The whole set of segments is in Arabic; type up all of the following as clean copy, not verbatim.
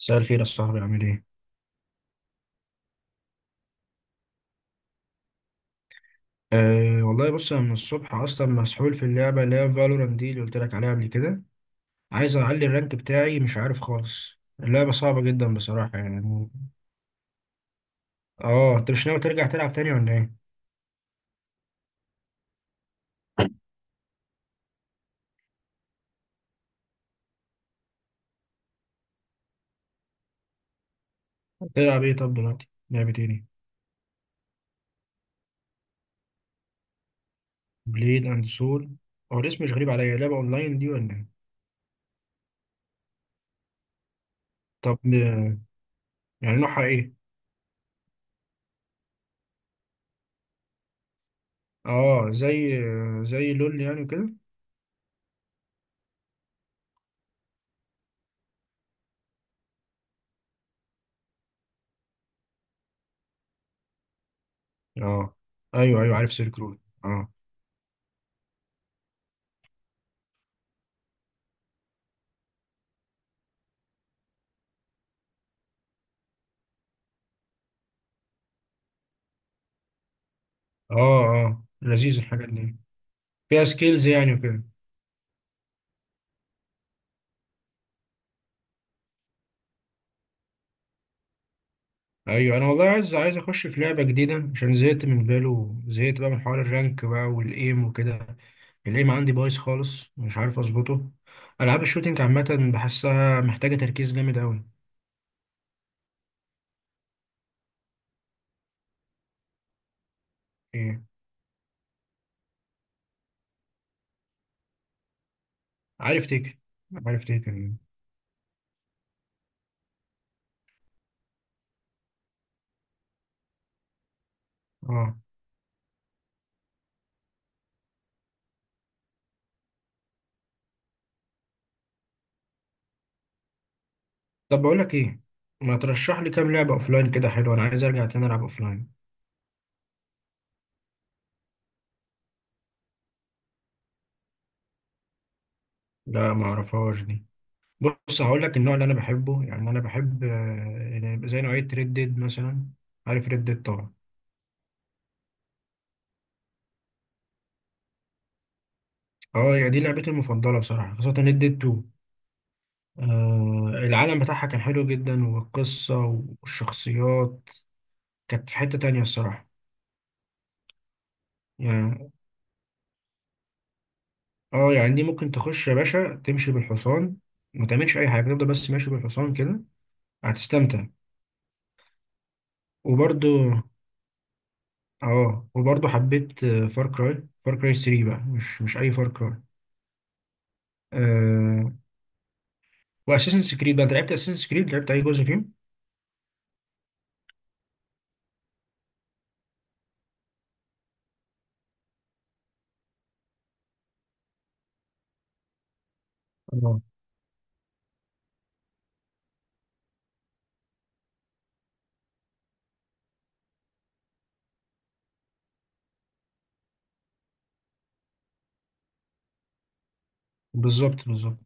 مساء الخير يا صاحبي، عامل ايه؟ أه والله بص، انا من الصبح اصلا مسحول في اللعبه اللي هي فالورانت دي اللي قلت لك عليها قبل كده. عايز اعلي الرانك بتاعي مش عارف خالص. اللعبه صعبه جدا بصراحه يعني. اه انت مش ناوي ترجع تلعب تاني ولا ايه؟ تلعب ايه طب دلوقتي؟ لعبه ايه دي؟ بليد اند سول. هو الاسم مش غريب عليا. لعبه اونلاين دي ولا ايه؟ طب يعني نوعها ايه؟ اه زي لول يعني وكده؟ اه ايوه ايوه عارف سيرك رود اه. اه اه لذيذ الحاجات دي. فيها سكيلز يعني وكده. ايوه انا والله عايز اخش في لعبه جديده، عشان زهقت من فالو، زهقت بقى من حوار الرانك بقى والايم وكده. الايم عندي بايظ خالص مش عارف اظبطه. العاب الشوتينج عامه بحسها محتاجه تركيز جامد قوي. ايه؟ عارف تيكن، عارف تيكن اه. طب بقول لك ايه؟ ما ترشح لي كام لعبه اوفلاين كده حلوه، انا عايز ارجع تاني العب اوفلاين. لا ما اعرفهاش دي. بص هقول لك النوع اللي انا بحبه. يعني انا بحب، يعني زي نوعيه ريد ديد مثلا. عارف ريد ديد طبعا. اه يعني دي لعبتي المفضلة بصراحة، خاصة ريد ديد 2. آه، العالم بتاعها كان حلو جدا، والقصة والشخصيات كانت في حتة تانية الصراحة يعني. اه يعني دي ممكن تخش يا باشا تمشي بالحصان، ما تعملش أي حاجة، تفضل بس ماشي بالحصان كده، هتستمتع. وبرضو، اه، وبرضو حبيت فار كراي. فار كراي 3 بقى، مش أي فار كراي. آه. وأساسنز كريد بقى، أنت لعبت أساسنز كريد، لعبت أي جزء فيهم؟ اه بالظبط بالظبط.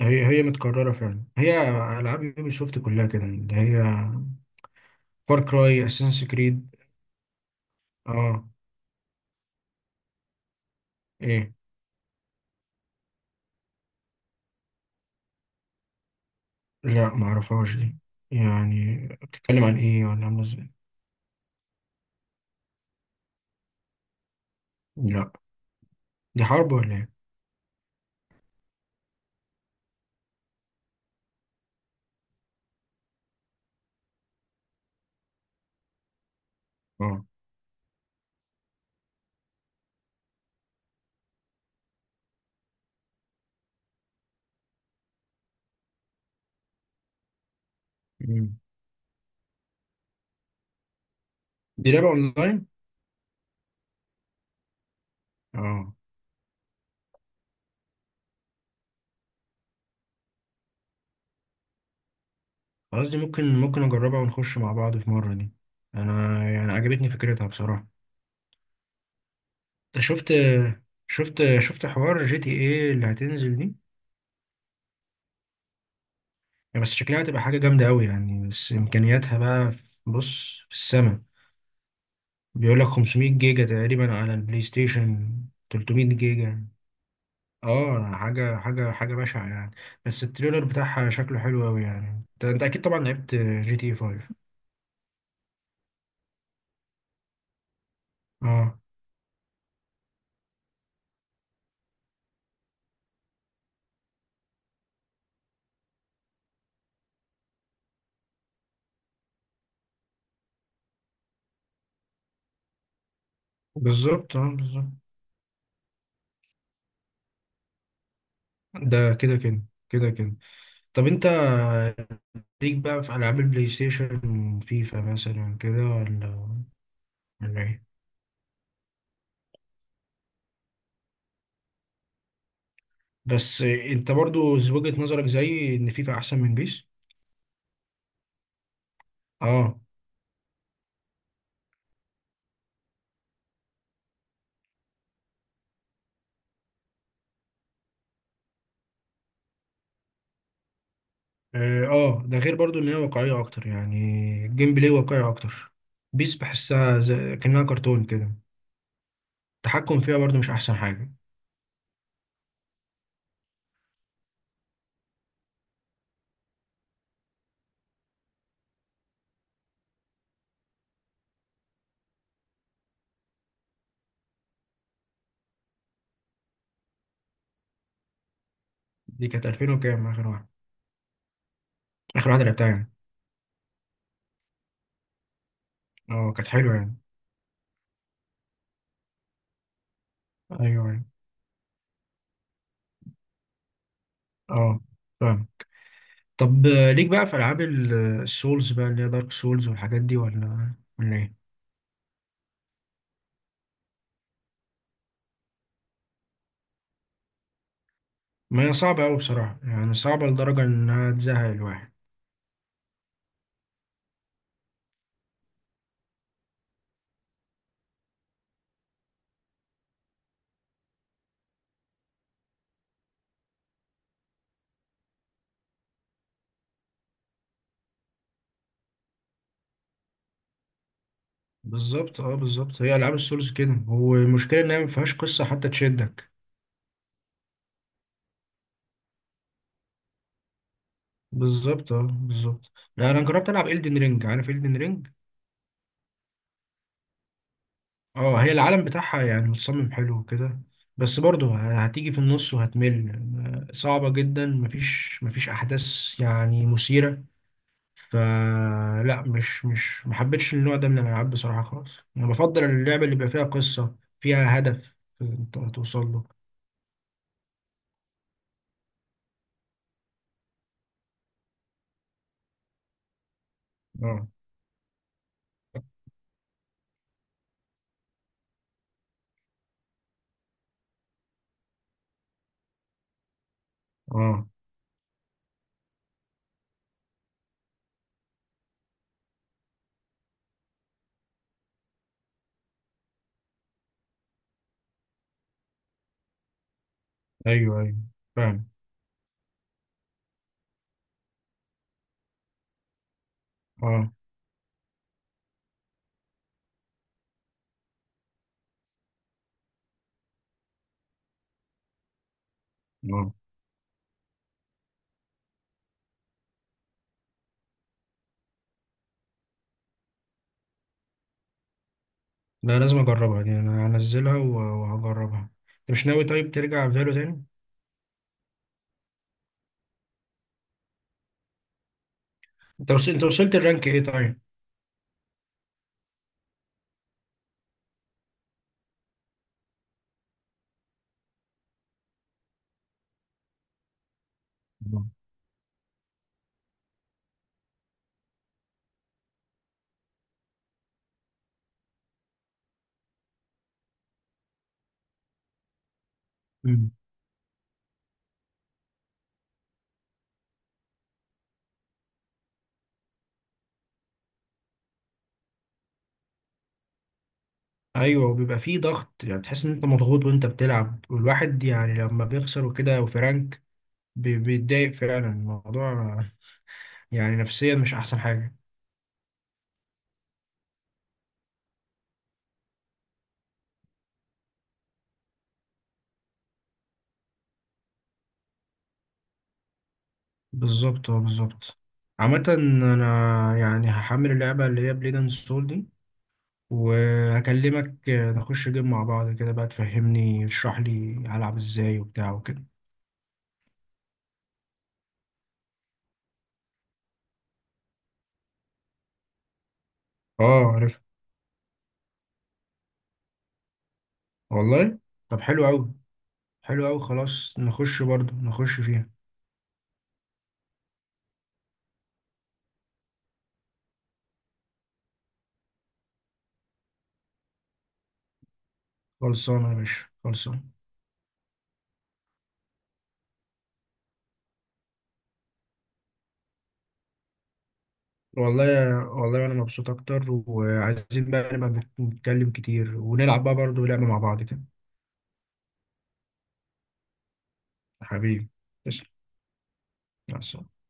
هي هي متكررة فعلا. هي ألعاب يوبي سوفت كلها كده، اللي هي فار كراي، اساسنس كريد اه، ايه. لا معرفهاش دي. يعني بتتكلم عن ايه ولا عاملة ازاي؟ لا دي حرب ولا ايه؟ اه. مم. دي لعبة اونلاين؟ اه خلاص، دي ممكن اجربها، ونخش مع بعض في مرة دي. انا يعني عجبتني فكرتها بصراحة. انت شفت، حوار جي تي ايه اللي هتنزل دي؟ يعني بس شكلها هتبقى حاجة جامدة قوي يعني. بس امكانياتها بقى بص في السما. بيقول لك 500 جيجا تقريبا على البلاي ستيشن، 300 جيجا. اه، حاجه حاجه حاجه بشعه يعني. بس التريلر بتاعها شكله حلو قوي يعني. انت اكيد طبعا لعبت جي تي 5. اه بالظبط اه بالظبط. ده كده كده، كده كده. طب انت، ليك بقى في العاب البلاي ستيشن؟ فيفا مثلا كده ولا ايه؟ بس انت برضو وجهة نظرك زي ان فيفا احسن من بيس؟ اه اه، ده غير برضو ان هي واقعية اكتر يعني. الجيم بلاي واقعي اكتر. بيس بحسها زي كأنها كرتون كده. التحكم فيها برضو مش احسن حاجة. دي كانت 2000 وكام اخر واحدة؟ اخر واحدة لعبتها يعني. اه كانت حلوة يعني. ايوه يعني، اه، فاهم. طب ليك بقى في العاب السولز بقى، اللي هي دارك سولز والحاجات دي ولا ايه؟ ما هي صعبة قوي بصراحة يعني، صعبة لدرجة انها تزهق الواحد. بالظبط اه بالظبط. هي العاب السولز كده، والمشكلة انها ما فيهاش قصة حتى تشدك. بالظبط اه بالظبط. لا انا جربت العب إلدن رينج. عارف إلدن رينج؟ اه، هي العالم بتاعها يعني متصمم حلو وكده. بس برضه هتيجي في النص وهتمل. صعبة جدا، مفيش احداث يعني مثيرة. فلا، مش محبتش النوع ده من الالعاب بصراحة خالص. انا بفضل اللعبة اللي بيبقى فيها قصة، فيها هدف انت توصل له. اه اه. ايوه ايوه فاهم اه. آه. لا لازم اجربها يعني، انا هنزلها وهجربها. انت مش ناوي طيب ترجع فالو تاني؟ انت وصلت الرانك ايه طيب؟ آه. مم. ايوه، وبيبقى فيه ضغط، يعني تحس ان انت مضغوط وانت بتلعب. والواحد يعني لما بيخسر وكده وفي رانك، بيتضايق فعلا الموضوع. يعني نفسيا مش احسن حاجه. بالظبط اه بالظبط. عامه انا يعني هحمل اللعبه اللي هي بليد اند سول دي، وهكلمك نخش جيم مع بعض كده بقى، تفهمني تشرح لي هلعب ازاي وبتاع وكده. اه عارف والله. طب حلو قوي. حلو قوي خلاص، نخش برضو نخش فيها. خلصانه يا باشا، خلصانه. والله والله انا مبسوط اكتر، وعايزين بقى نبقى بنتكلم كتير، ونلعب بقى برضو لعبه مع بعض كده. حبيبي. تسلم. مع السلامة.